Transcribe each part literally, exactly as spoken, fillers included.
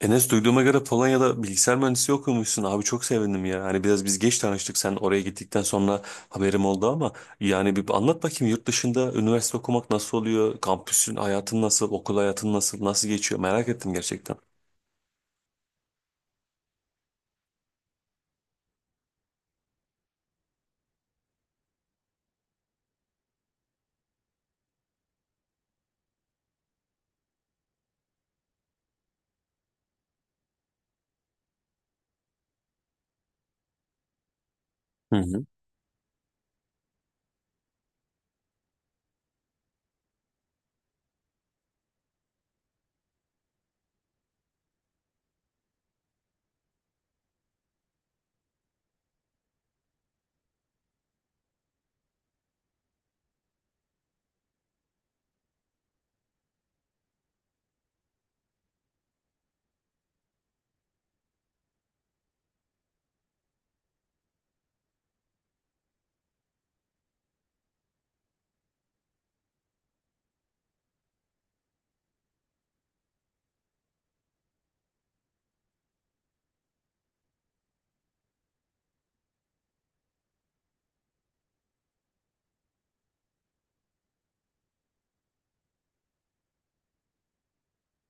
Enes, duyduğuma göre Polonya'da bilgisayar mühendisi okumuşsun. Abi çok sevindim ya. Hani biraz biz geç tanıştık. Sen oraya gittikten sonra haberim oldu ama yani bir anlat bakayım, yurt dışında üniversite okumak nasıl oluyor? Kampüsün, hayatın nasıl? Okul hayatın nasıl? Nasıl geçiyor? Merak ettim gerçekten. Hı hı.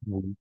Hı.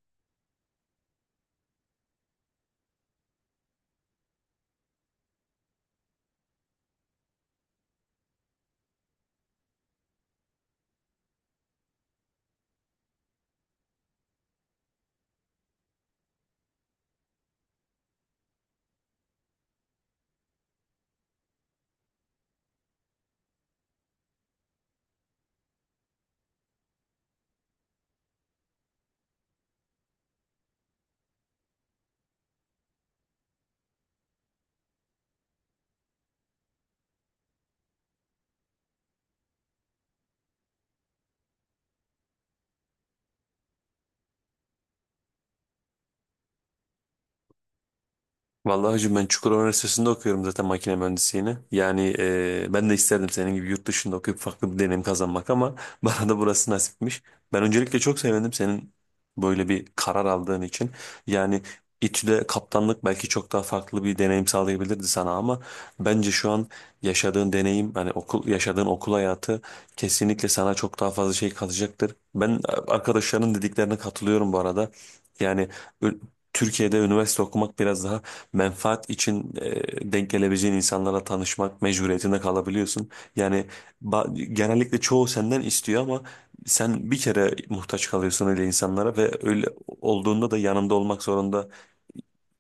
Vallahi hacı, ben Çukurova Üniversitesi'nde okuyorum zaten, makine mühendisliğini. Yani e, ben de isterdim senin gibi yurt dışında okuyup farklı bir deneyim kazanmak, ama bana da burası nasipmiş. Ben öncelikle çok sevindim senin böyle bir karar aldığın için. Yani İ T Ü'de kaptanlık belki çok daha farklı bir deneyim sağlayabilirdi sana, ama bence şu an yaşadığın deneyim, hani okul, yaşadığın okul hayatı kesinlikle sana çok daha fazla şey katacaktır. Ben e, arkadaşlarının dediklerine katılıyorum bu arada. Yani ö- Türkiye'de üniversite okumak biraz daha menfaat için, e, denk gelebileceğin insanlarla tanışmak mecburiyetinde kalabiliyorsun. Yani ba- genellikle çoğu senden istiyor ama sen bir kere muhtaç kalıyorsun öyle insanlara ve öyle olduğunda da yanında olmak zorunda,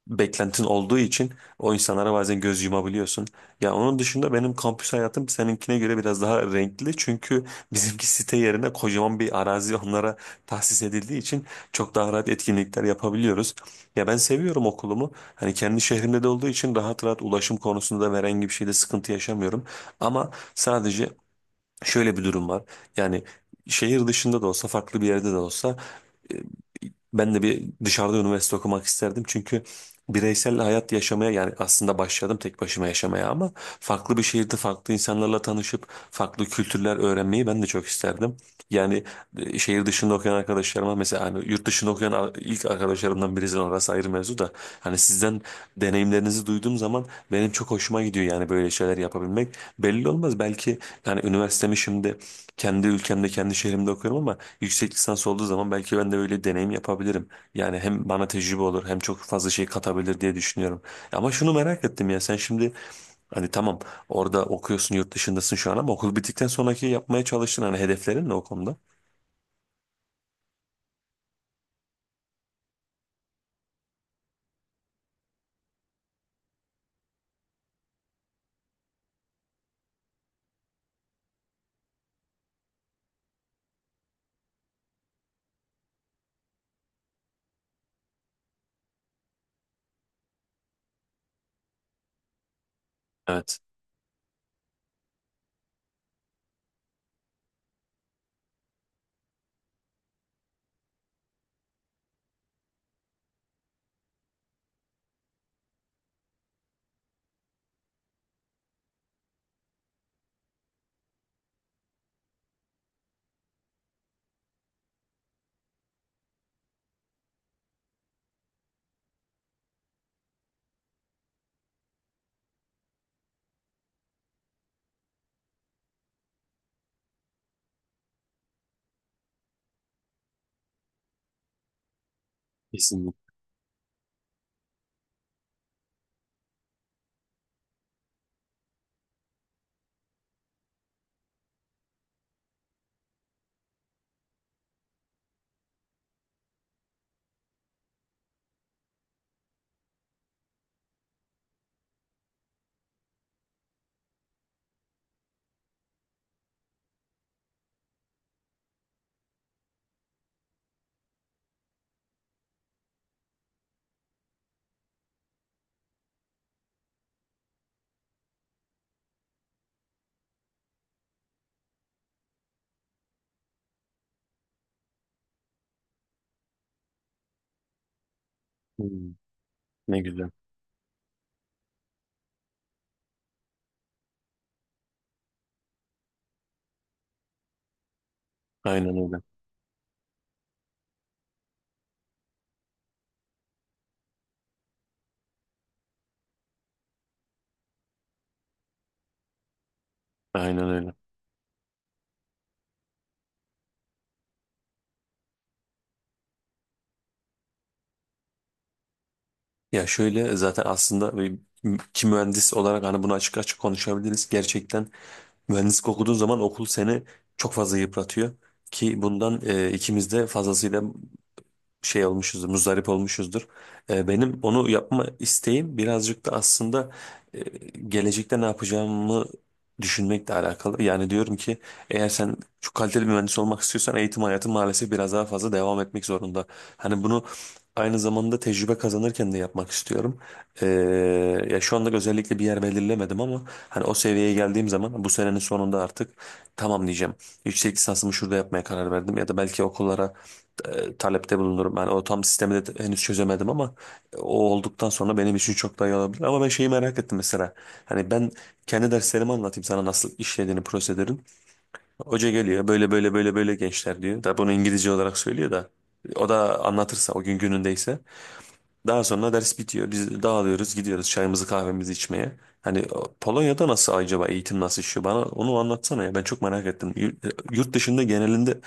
beklentin olduğu için o insanlara bazen göz yumabiliyorsun. Ya, onun dışında benim kampüs hayatım seninkine göre biraz daha renkli. Çünkü bizimki, site yerine kocaman bir arazi onlara tahsis edildiği için, çok daha rahat etkinlikler yapabiliyoruz. Ya ben seviyorum okulumu. Hani kendi şehrimde de olduğu için rahat rahat, ulaşım konusunda da herhangi bir şeyde sıkıntı yaşamıyorum. Ama sadece şöyle bir durum var. Yani şehir dışında da olsa, farklı bir yerde de olsa, e, ben de bir dışarıda üniversite okumak isterdim. Çünkü bireysel hayat yaşamaya, yani aslında başladım tek başıma yaşamaya, ama farklı bir şehirde farklı insanlarla tanışıp farklı kültürler öğrenmeyi ben de çok isterdim. Yani e, şehir dışında okuyan arkadaşlarıma mesela, hani yurt dışında okuyan a- ilk arkadaşlarımdan birisi, orası ayrı mevzu da, hani sizden deneyimlerinizi duyduğum zaman benim çok hoşuma gidiyor, yani böyle şeyler yapabilmek. Belli olmaz, belki yani üniversitemi şimdi kendi ülkemde, kendi şehrimde okuyorum ama yüksek lisans olduğu zaman belki ben de öyle deneyim yapabilirim. Yani hem bana tecrübe olur, hem çok fazla şey katabilir diye düşünüyorum. Ama şunu merak ettim ya, sen şimdi, hani tamam, orada okuyorsun, yurt dışındasın şu an, ama okul bittikten sonraki yapmaya çalıştın, hani hedeflerin ne o konuda? Evet, kesinlikle. Hmm, ne güzel. Aynen öyle. Aynen öyle. Ya şöyle, zaten aslında bir- ki mühendis olarak hani bunu açık açık konuşabiliriz. Gerçekten mühendislik okuduğun zaman okul seni çok fazla yıpratıyor. Ki bundan e, ikimiz de fazlasıyla şey olmuşuzdur, muzdarip olmuşuzdur. Ee, benim onu yapma isteğim birazcık da aslında e, gelecekte ne yapacağımı düşünmekle alakalı. Yani diyorum ki, eğer sen çok kaliteli bir mühendis olmak istiyorsan eğitim hayatı maalesef biraz daha fazla devam etmek zorunda. Hani bunu aynı zamanda tecrübe kazanırken de yapmak istiyorum. Ee, ya şu anda özellikle bir yer belirlemedim ama hani o seviyeye geldiğim zaman, bu senenin sonunda artık tamam diyeceğim. Yüksek lisansımı şurada yapmaya karar verdim, ya da belki okullara e, talepte bulunurum. Yani o tam sistemi de henüz çözemedim ama e, o olduktan sonra benim için çok daha iyi olabilir. Ama ben şeyi merak ettim mesela. Hani ben kendi derslerimi anlatayım sana, nasıl işlediğini prosedürün. Hoca geliyor, böyle böyle böyle böyle gençler diyor. Da bunu İngilizce olarak söylüyor da. O da anlatırsa, o gün günündeyse. Daha sonra ders bitiyor. Biz dağılıyoruz, gidiyoruz çayımızı kahvemizi içmeye. Hani o, Polonya'da nasıl acaba, eğitim nasıl işliyor, bana onu anlatsana ya, ben çok merak ettim. Yur- Yurt dışında genelinde,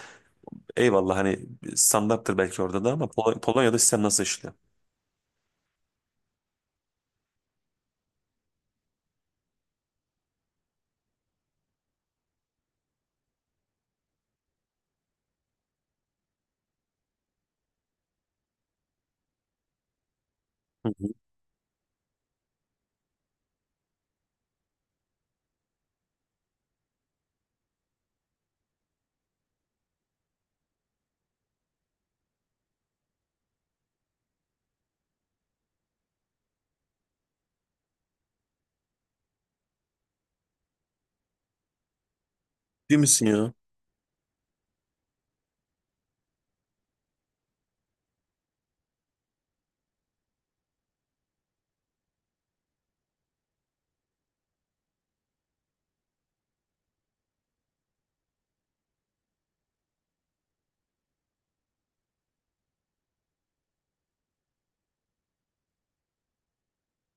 eyvallah, hani standarttır belki orada da, ama Pol- Polonya'da sistem nasıl işliyor? Hı hı. Değil misin ya?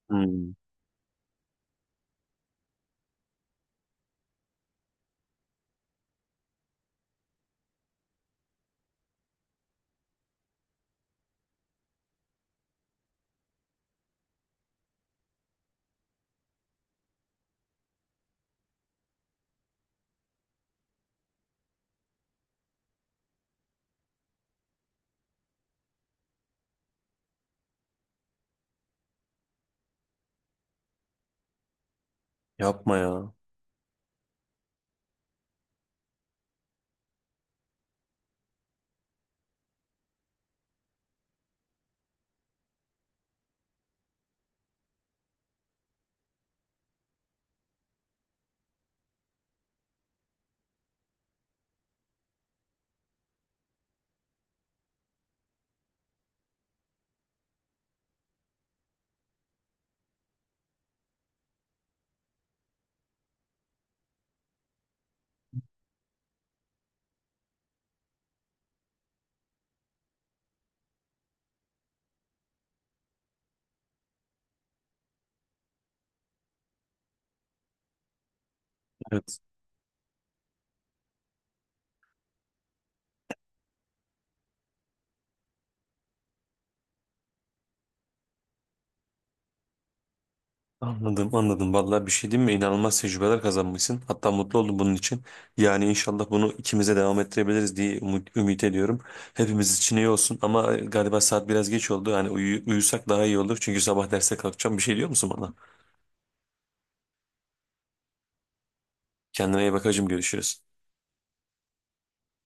Hmm. Yapma ya. Evet. Anladım, anladım. Vallahi bir şey diyeyim mi? İnanılmaz tecrübeler kazanmışsın. Hatta mutlu oldum bunun için. Yani inşallah bunu ikimize devam ettirebiliriz diye umut, ümit ediyorum. Hepimiz için iyi olsun ama galiba saat biraz geç oldu. Yani uyu- uyusak daha iyi olur. Çünkü sabah derse kalkacağım. Bir şey diyor musun bana? Kendine iyi bak hacım, görüşürüz.